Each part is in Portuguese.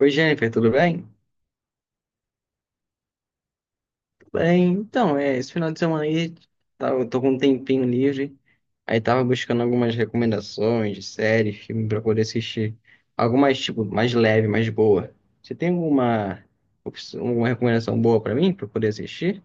Oi, Jennifer, tudo bem? Tudo bem. Então, é, esse final de semana aí, tá, eu tô com um tempinho livre. Aí tava buscando algumas recomendações de série, filme pra poder assistir. Algo mais, tipo, mais leve, mais boa. Você tem alguma, alguma recomendação boa pra mim, pra poder assistir?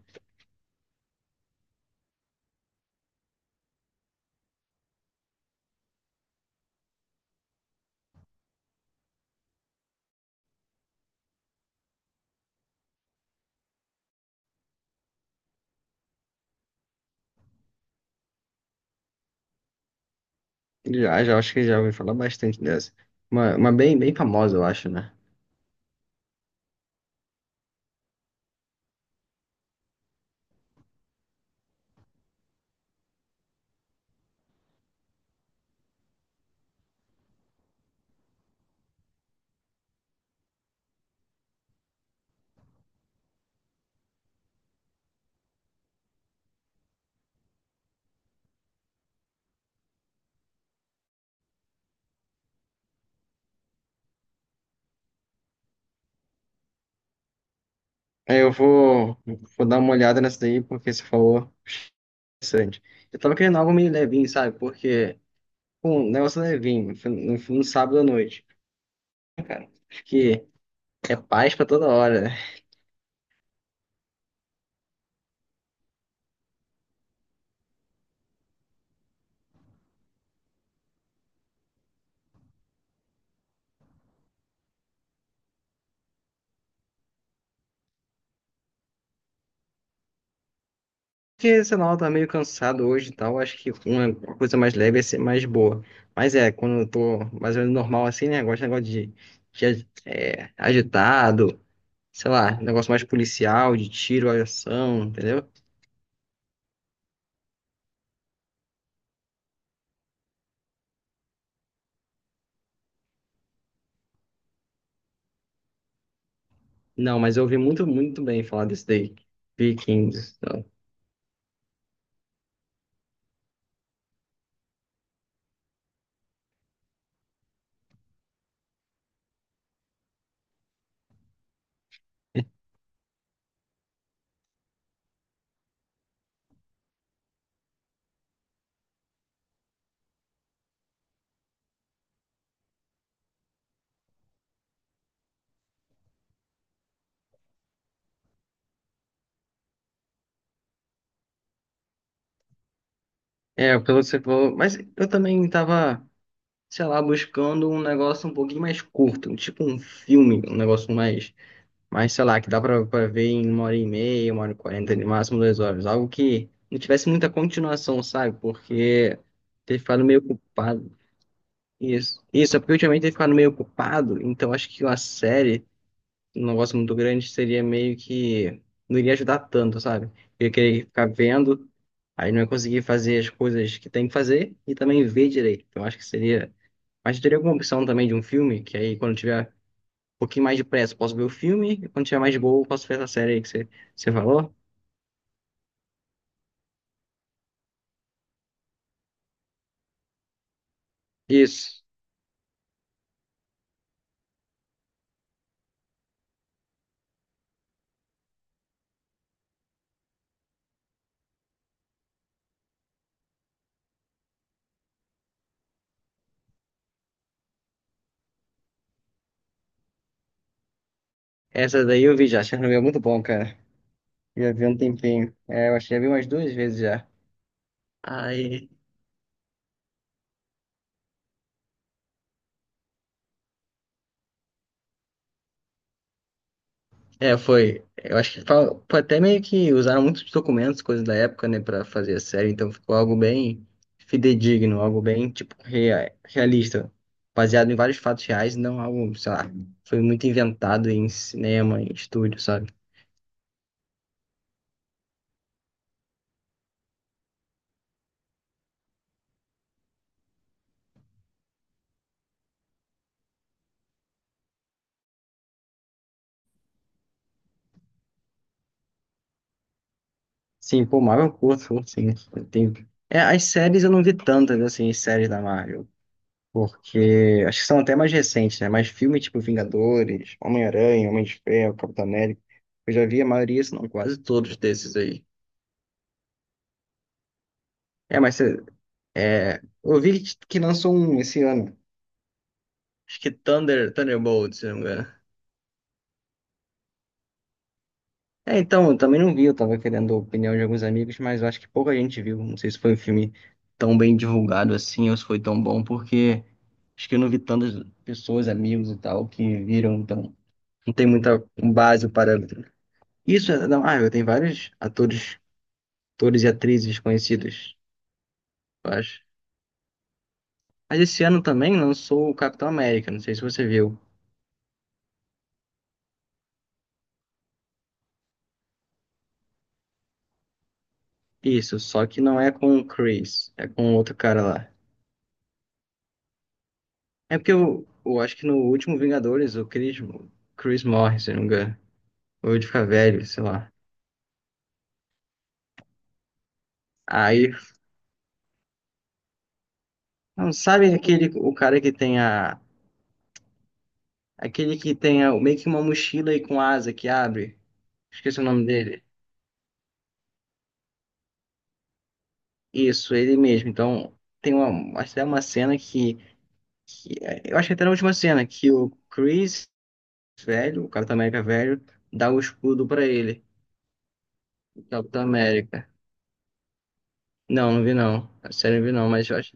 Já, já, acho que já ouvi falar bastante dessa. Uma bem, bem famosa, eu acho, né? Aí eu vou, vou dar uma olhada nessa daí, porque você falou interessante. Eu tava querendo algo meio levinho, sabe? Porque... Um negócio levinho, no sábado à noite. Acho que é paz pra toda hora. Né? Porque, sei lá, eu tô meio cansado hoje e tal. Acho que uma coisa mais leve ia ser mais boa. Mas é, quando eu tô mais ou menos normal assim, né? Eu gosto de agitado, sei lá, negócio mais policial, de tiro, ação, entendeu? Não, mas eu ouvi muito, muito bem falar desse daí. Vikings. Então. É, pelo que você falou. Mas eu também tava. Sei lá, buscando um negócio um pouquinho mais curto, tipo um filme, mais sei lá, que dá pra ver em uma hora e meia, uma hora e quarenta, no máximo duas horas. Algo que não tivesse muita continuação, sabe? Porque ter ficado meio ocupado. Isso. Isso, é porque ultimamente ter ficado meio ocupado, então acho que uma série, um negócio muito grande, seria meio que não iria ajudar tanto, sabe? Eu ia querer ficar vendo, aí não ia conseguir fazer as coisas que tem que fazer e também ver direito. Então acho que seria. Mas teria alguma opção também de um filme? Que aí, quando tiver um pouquinho mais de pressa, eu posso ver o filme. E quando tiver mais de boa, eu posso ver essa série aí que você falou? Isso. Essa daí eu vi já. Chernobyl é muito bom, cara. Já vi há um tempinho. É, eu acho que já vi umas duas vezes já. Aí. É, foi. Eu acho que foi até meio que usaram muitos documentos, coisas da época, né, pra fazer a série. Então ficou algo bem fidedigno, algo bem, tipo, realista. Baseado em vários fatos reais, não algo, sei lá, foi muito inventado em cinema, em estúdio, sabe? Sim, pô, Marvel eu curto, sim. Tem... É, as séries eu não vi tantas, né, assim, as séries da Marvel. Porque acho que são até mais recentes, né? Mas filme tipo Vingadores, Homem-Aranha, Homem de Ferro, Capitão América. Eu já vi a maioria, se não quase todos desses aí. É, mas cê- é, eu vi que lançou um esse ano. Acho que Thunderbolts, se não me engano. É, então, eu também não vi, eu tava querendo a opinião de alguns amigos, mas eu acho que pouca gente viu. Não sei se foi um filme tão bem divulgado assim, ou se foi tão bom, porque acho que eu não vi tantas pessoas, amigos e tal, que viram, então não tem muita base para. Isso, é- não, ah, eu tenho vários atores, atores e atrizes conhecidos, eu acho. Mas esse ano também lançou o Capitão América, não sei se você viu. Isso, só que não é com o Chris, é com outro cara lá. É porque eu acho que no último Vingadores, o Chris morre, se não me engano. Ou ele fica velho, sei lá. Aí, não, sabe aquele, o cara que tem a... Aquele que tem a, meio que uma mochila aí com asa que abre. Esqueci o nome dele. Isso, ele mesmo. Então, tem uma, acho que é uma cena que... eu acho que até na última cena, que o Chris velho, o Capitão América velho, dá o escudo pra ele. O Capitão América. Não, não vi não. A série eu não vi não, mas eu acho.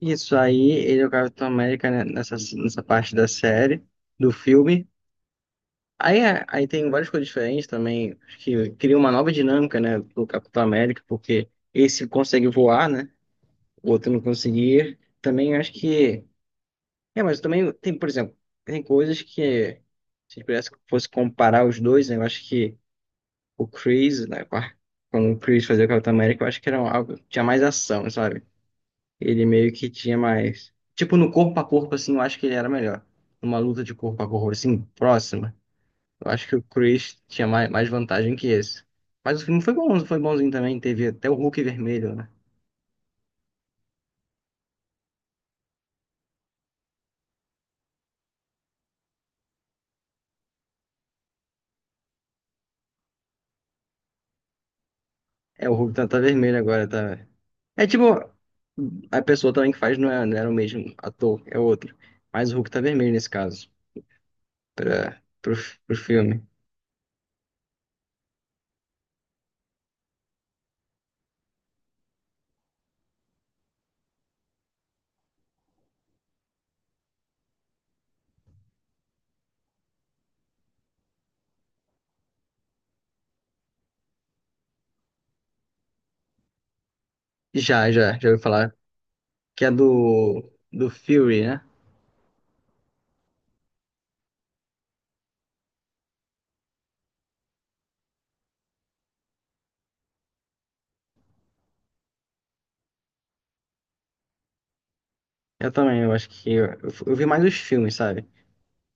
Isso aí, ele é o Capitão América né, nessa parte da série, do filme. Aí tem várias coisas diferentes também, acho que cria uma nova dinâmica, né, do Capitão América, porque esse consegue voar, né, o outro não conseguia. Também acho que... É, mas também tem, por exemplo, tem coisas que, se tivesse que fosse comparar os dois, né, eu acho que o Chris, né, quando o Chris fazia o Capitão América, eu acho que era algo, tinha mais ação, sabe? Ele meio que tinha mais. Tipo, no corpo a corpo, assim, eu acho que ele era melhor. Numa luta de corpo a corpo, assim, próxima. Eu acho que o Chris tinha mais, mais vantagem que esse. Mas o filme foi bom, foi bonzinho também. Teve até o Hulk vermelho, né? É, o Hulk tá vermelho agora, tá. É tipo, a pessoa também que faz não, é, não era o mesmo ator, é outro. Mas o Hulk tá vermelho nesse caso, pra, pro, pro filme. Já ouvi falar. Que é do Fury, né? Eu também, eu acho que. Eu vi mais os filmes, sabe?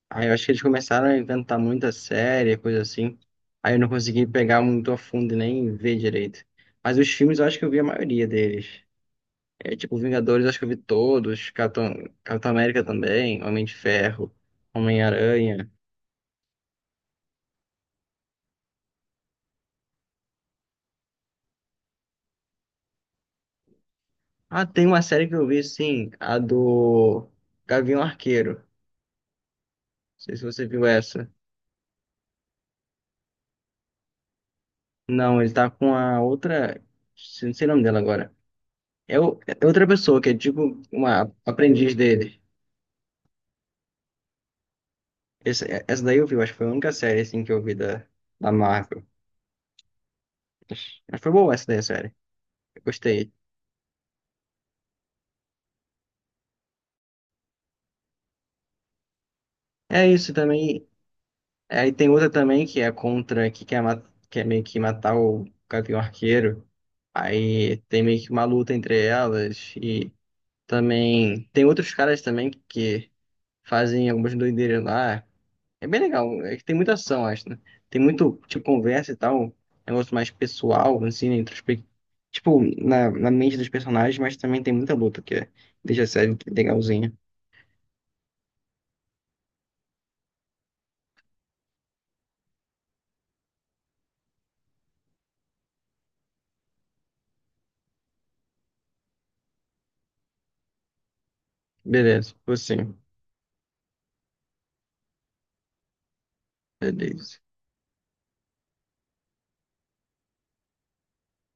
Aí eu acho que eles começaram a inventar muita série, coisa assim. Aí eu não consegui pegar muito a fundo e nem ver direito. Mas os filmes eu acho que eu vi a maioria deles. É tipo, Vingadores eu acho que eu vi todos. Capitão América também, Homem de Ferro, Homem-Aranha. Ah, tem uma série que eu vi sim, a do Gavião Arqueiro. Não sei se você viu essa. Não, ele tá com a outra. Não sei o nome dela agora. É outra pessoa que é tipo uma aprendiz dele. É, essa daí eu vi, eu acho que foi a única série assim que eu vi da Marvel. Mas foi boa essa daí, a série. Eu gostei. É isso também. É, aí tem outra também que é contra, quer meio que matar o Gavião Arqueiro. Aí tem meio que uma luta entre elas. E também tem outros caras também que fazem algumas doideiras lá. É bem legal, é que tem muita ação, acho, né? Tem muito, tipo, conversa e tal, um negócio mais pessoal, assim, né? introspe- Tipo, na mente dos personagens, mas também tem muita luta, que é, deixa a série legalzinha. Beleza, você. Beleza.